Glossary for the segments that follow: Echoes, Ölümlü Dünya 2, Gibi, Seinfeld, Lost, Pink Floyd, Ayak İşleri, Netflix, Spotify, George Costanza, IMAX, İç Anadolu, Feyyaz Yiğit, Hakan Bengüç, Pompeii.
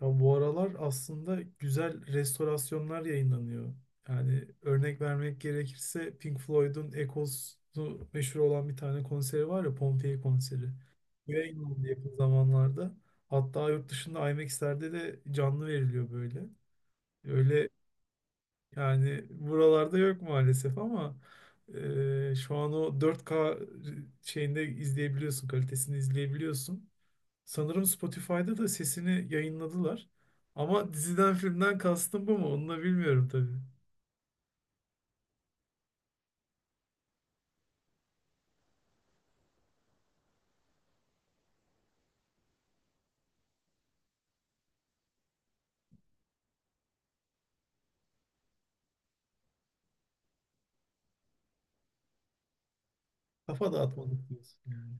Ya bu aralar aslında güzel restorasyonlar yayınlanıyor. Yani örnek vermek gerekirse Pink Floyd'un Echoes'u meşhur olan bir tane konseri var ya, Pompeii konseri. Bu yayınlandı yakın zamanlarda. Hatta yurt dışında IMAX'lerde de canlı veriliyor böyle. Öyle, yani buralarda yok maalesef ama şu an o 4K şeyinde izleyebiliyorsun, kalitesini izleyebiliyorsun. Sanırım Spotify'da da sesini yayınladılar. Ama diziden filmden kastım bu mu? Onu da bilmiyorum tabii. Kafa dağıtmalık diyorsun yani.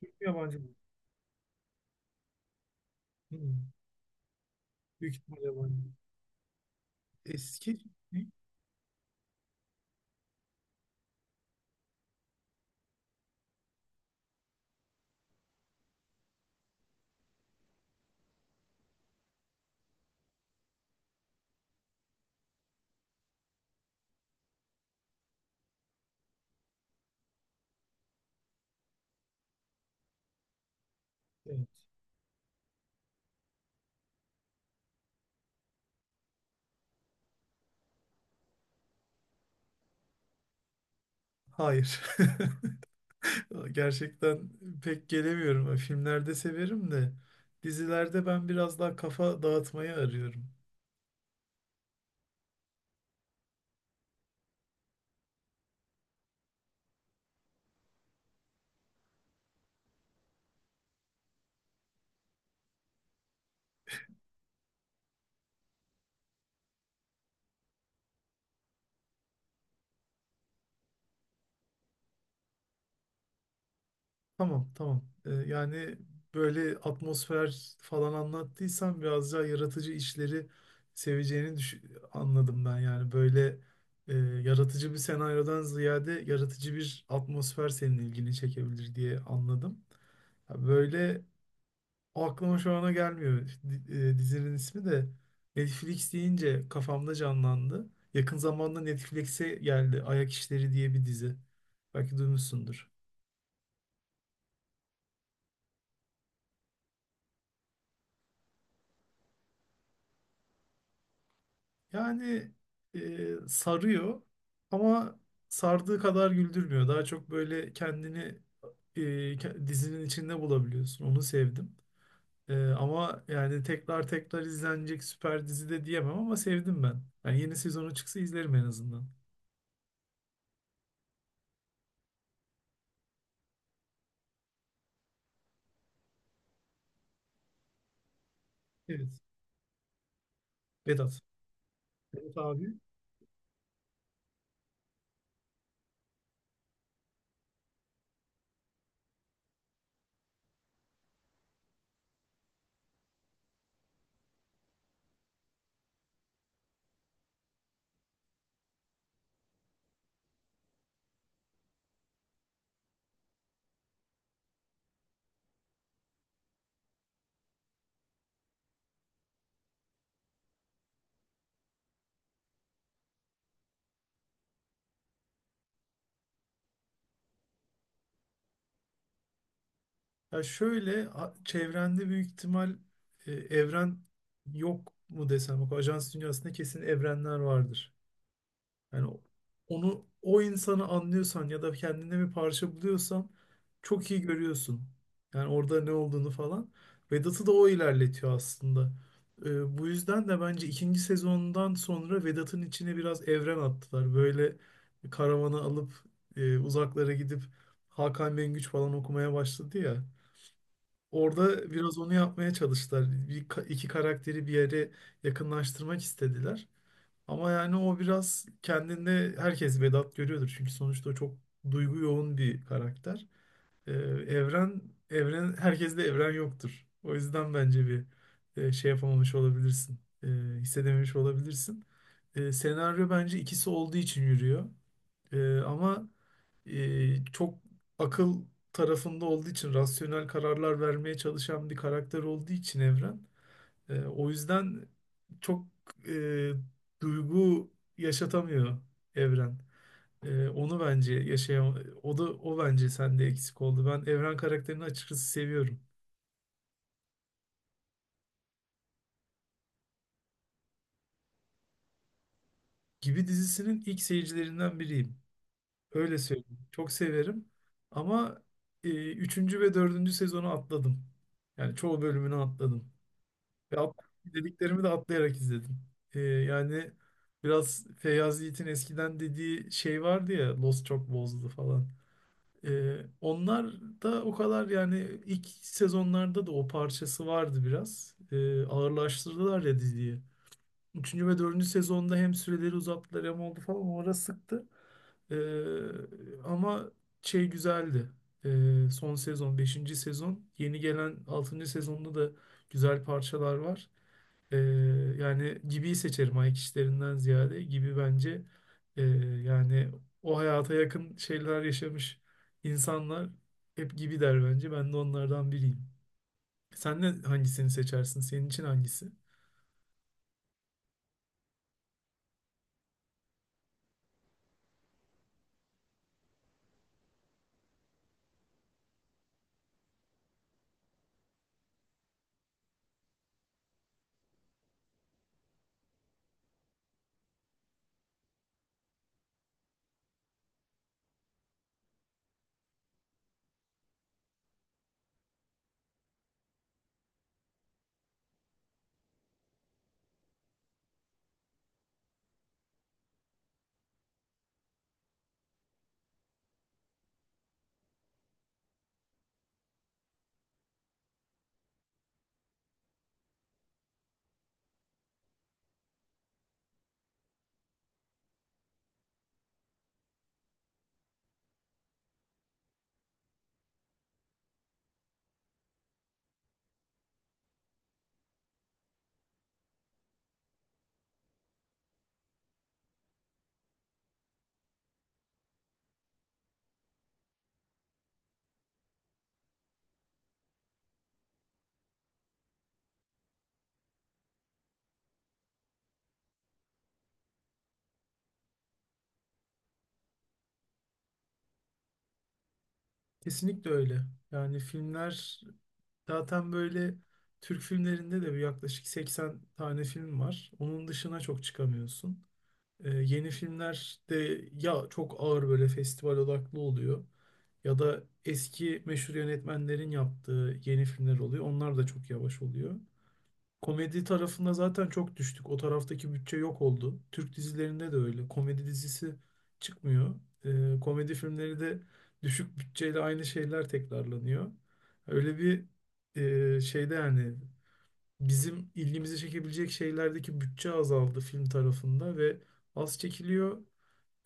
Türk mü yabancı mı? Hmm. Büyük ihtimal yabancı. Eski mi? Evet. Hayır. Gerçekten pek gelemiyorum. Filmlerde severim de dizilerde ben biraz daha kafa dağıtmayı arıyorum. Tamam, tamam. Yani böyle atmosfer falan anlattıysan biraz daha yaratıcı işleri seveceğini anladım ben. Yani böyle yaratıcı bir senaryodan ziyade yaratıcı bir atmosfer senin ilgini çekebilir diye anladım. Ya böyle o aklıma şu ana gelmiyor. Dizinin ismi de Netflix deyince kafamda canlandı. Yakın zamanda Netflix'e geldi, Ayak İşleri diye bir dizi. Belki duymuşsundur. Yani sarıyor ama sardığı kadar güldürmüyor. Daha çok böyle kendini e, dizinin içinde bulabiliyorsun. Onu sevdim. E, ama yani tekrar tekrar izlenecek süper dizi de diyemem ama sevdim ben. Yani yeni sezonu çıksa izlerim en azından. Evet. Vedat. Vedat abi. Ya şöyle, a- çevrende büyük ihtimal e, evren yok mu desem. Bak, Ajans dünyasında kesin evrenler vardır. Yani onu, o insanı anlıyorsan ya da kendine bir parça buluyorsan çok iyi görüyorsun. Yani orada ne olduğunu falan. Vedat'ı da o ilerletiyor aslında. Bu yüzden de bence ikinci sezondan sonra Vedat'ın içine biraz evren attılar. Böyle karavana alıp uzaklara gidip Hakan Bengüç falan okumaya başladı ya. Orada biraz onu yapmaya çalıştılar. İki karakteri bir yere yakınlaştırmak istediler. Ama yani o biraz, kendinde herkes Vedat görüyordur. Çünkü sonuçta o çok duygu yoğun bir karakter. Ee, evren, evren, herkeste evren yoktur. O yüzden bence bir şey yapamamış olabilirsin. Hissedememiş olabilirsin. Senaryo bence ikisi olduğu için yürüyor. Ee, ama Çok akıl tarafında olduğu için, rasyonel kararlar vermeye çalışan bir karakter olduğu için evren, o yüzden çok e, duygu yaşatamıyor evren. E, onu bence yaşayam o da o bence sende eksik oldu. Ben Evren karakterini açıkçası seviyorum. Gibi dizisinin ilk seyircilerinden biriyim. Öyle söyleyeyim. Çok severim ama üçüncü ve dördüncü sezonu atladım. Yani çoğu bölümünü atladım. Ve dediklerimi de atlayarak izledim. Yani biraz Feyyaz Yiğit'in eskiden dediği şey vardı ya, Lost çok bozdu falan. Onlar da o kadar, yani ilk sezonlarda da o parçası vardı biraz. Ağırlaştırdılar ya diziyi. Üçüncü ve dördüncü sezonda hem süreleri uzattılar hem oldu falan, o ara sıktı. Ama şey güzeldi. Son sezon, beşinci sezon. Yeni gelen altıncı sezonda da güzel parçalar var. Ee, Yani Gibi'yi seçerim ayak işlerinden ziyade. Gibi bence e, yani o hayata yakın şeyler yaşamış insanlar hep Gibi der bence. Ben de onlardan biriyim. Sen de hangisini seçersin? Senin için hangisi? Kesinlikle öyle. Yani filmler zaten böyle, Türk filmlerinde de bir yaklaşık 80 tane film var. Onun dışına çok çıkamıyorsun. Yeni filmler de ya çok ağır böyle festival odaklı oluyor ya da eski meşhur yönetmenlerin yaptığı yeni filmler oluyor. Onlar da çok yavaş oluyor. Komedi tarafında zaten çok düştük. O taraftaki bütçe yok oldu. Türk dizilerinde de öyle. Komedi dizisi çıkmıyor. Komedi filmleri de düşük bütçeyle aynı şeyler tekrarlanıyor. Öyle bir şeyde, yani bizim ilgimizi çekebilecek şeylerdeki bütçe azaldı film tarafında ve az çekiliyor.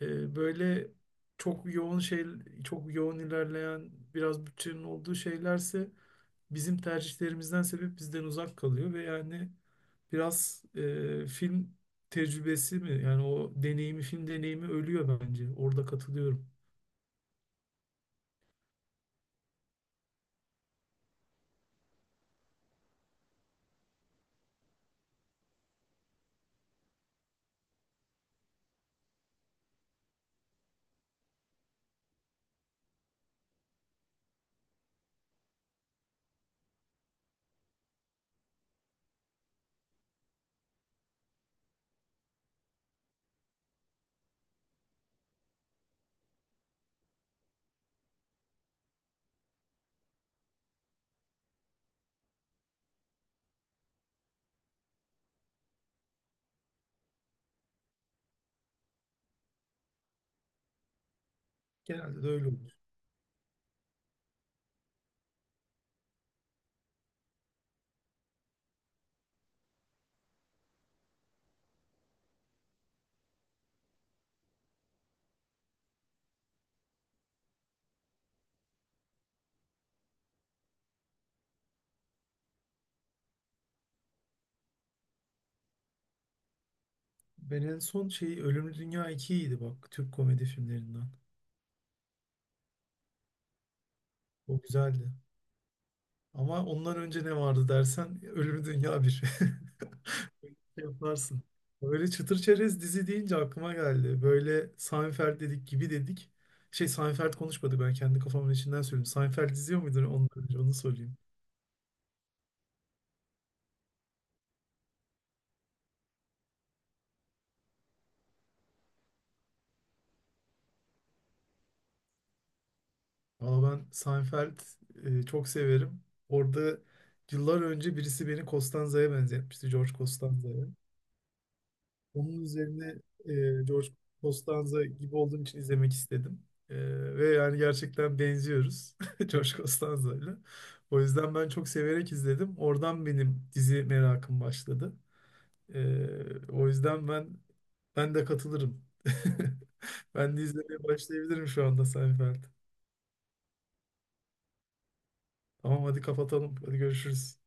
Böyle çok yoğun şey, çok yoğun ilerleyen biraz bütçenin olduğu şeylerse bizim tercihlerimizden sebep bizden uzak kalıyor ve yani biraz film tecrübesi mi, yani o deneyimi, film deneyimi ölüyor bence. Orada katılıyorum. Genelde de öyle olur. Ben en son şey Ölümlü Dünya 2 idi bak, Türk komedi filmlerinden. O güzeldi. Ama ondan önce ne vardı dersen, Ölümü Dünya Bir. Yaparsın. Böyle çıtır çerez dizi deyince aklıma geldi. Böyle Seinfeld dedik, Gibi dedik. Şey, Seinfeld konuşmadık, ben kendi kafamın içinden söyledim. Seinfeld izliyor muydun, ondan önce onu sorayım. Valla ben Seinfeld çok severim. Orada yıllar önce birisi beni Costanza'ya benzetmişti. George Costanza'ya. Onun üzerine George Costanza gibi olduğum için izlemek istedim. E, Ve yani gerçekten benziyoruz George Costanza'yla. O yüzden ben çok severek izledim. Oradan benim dizi merakım başladı. O yüzden ben de katılırım. Ben de izlemeye başlayabilirim şu anda Seinfeld. Tamam, hadi kapatalım. Hadi görüşürüz.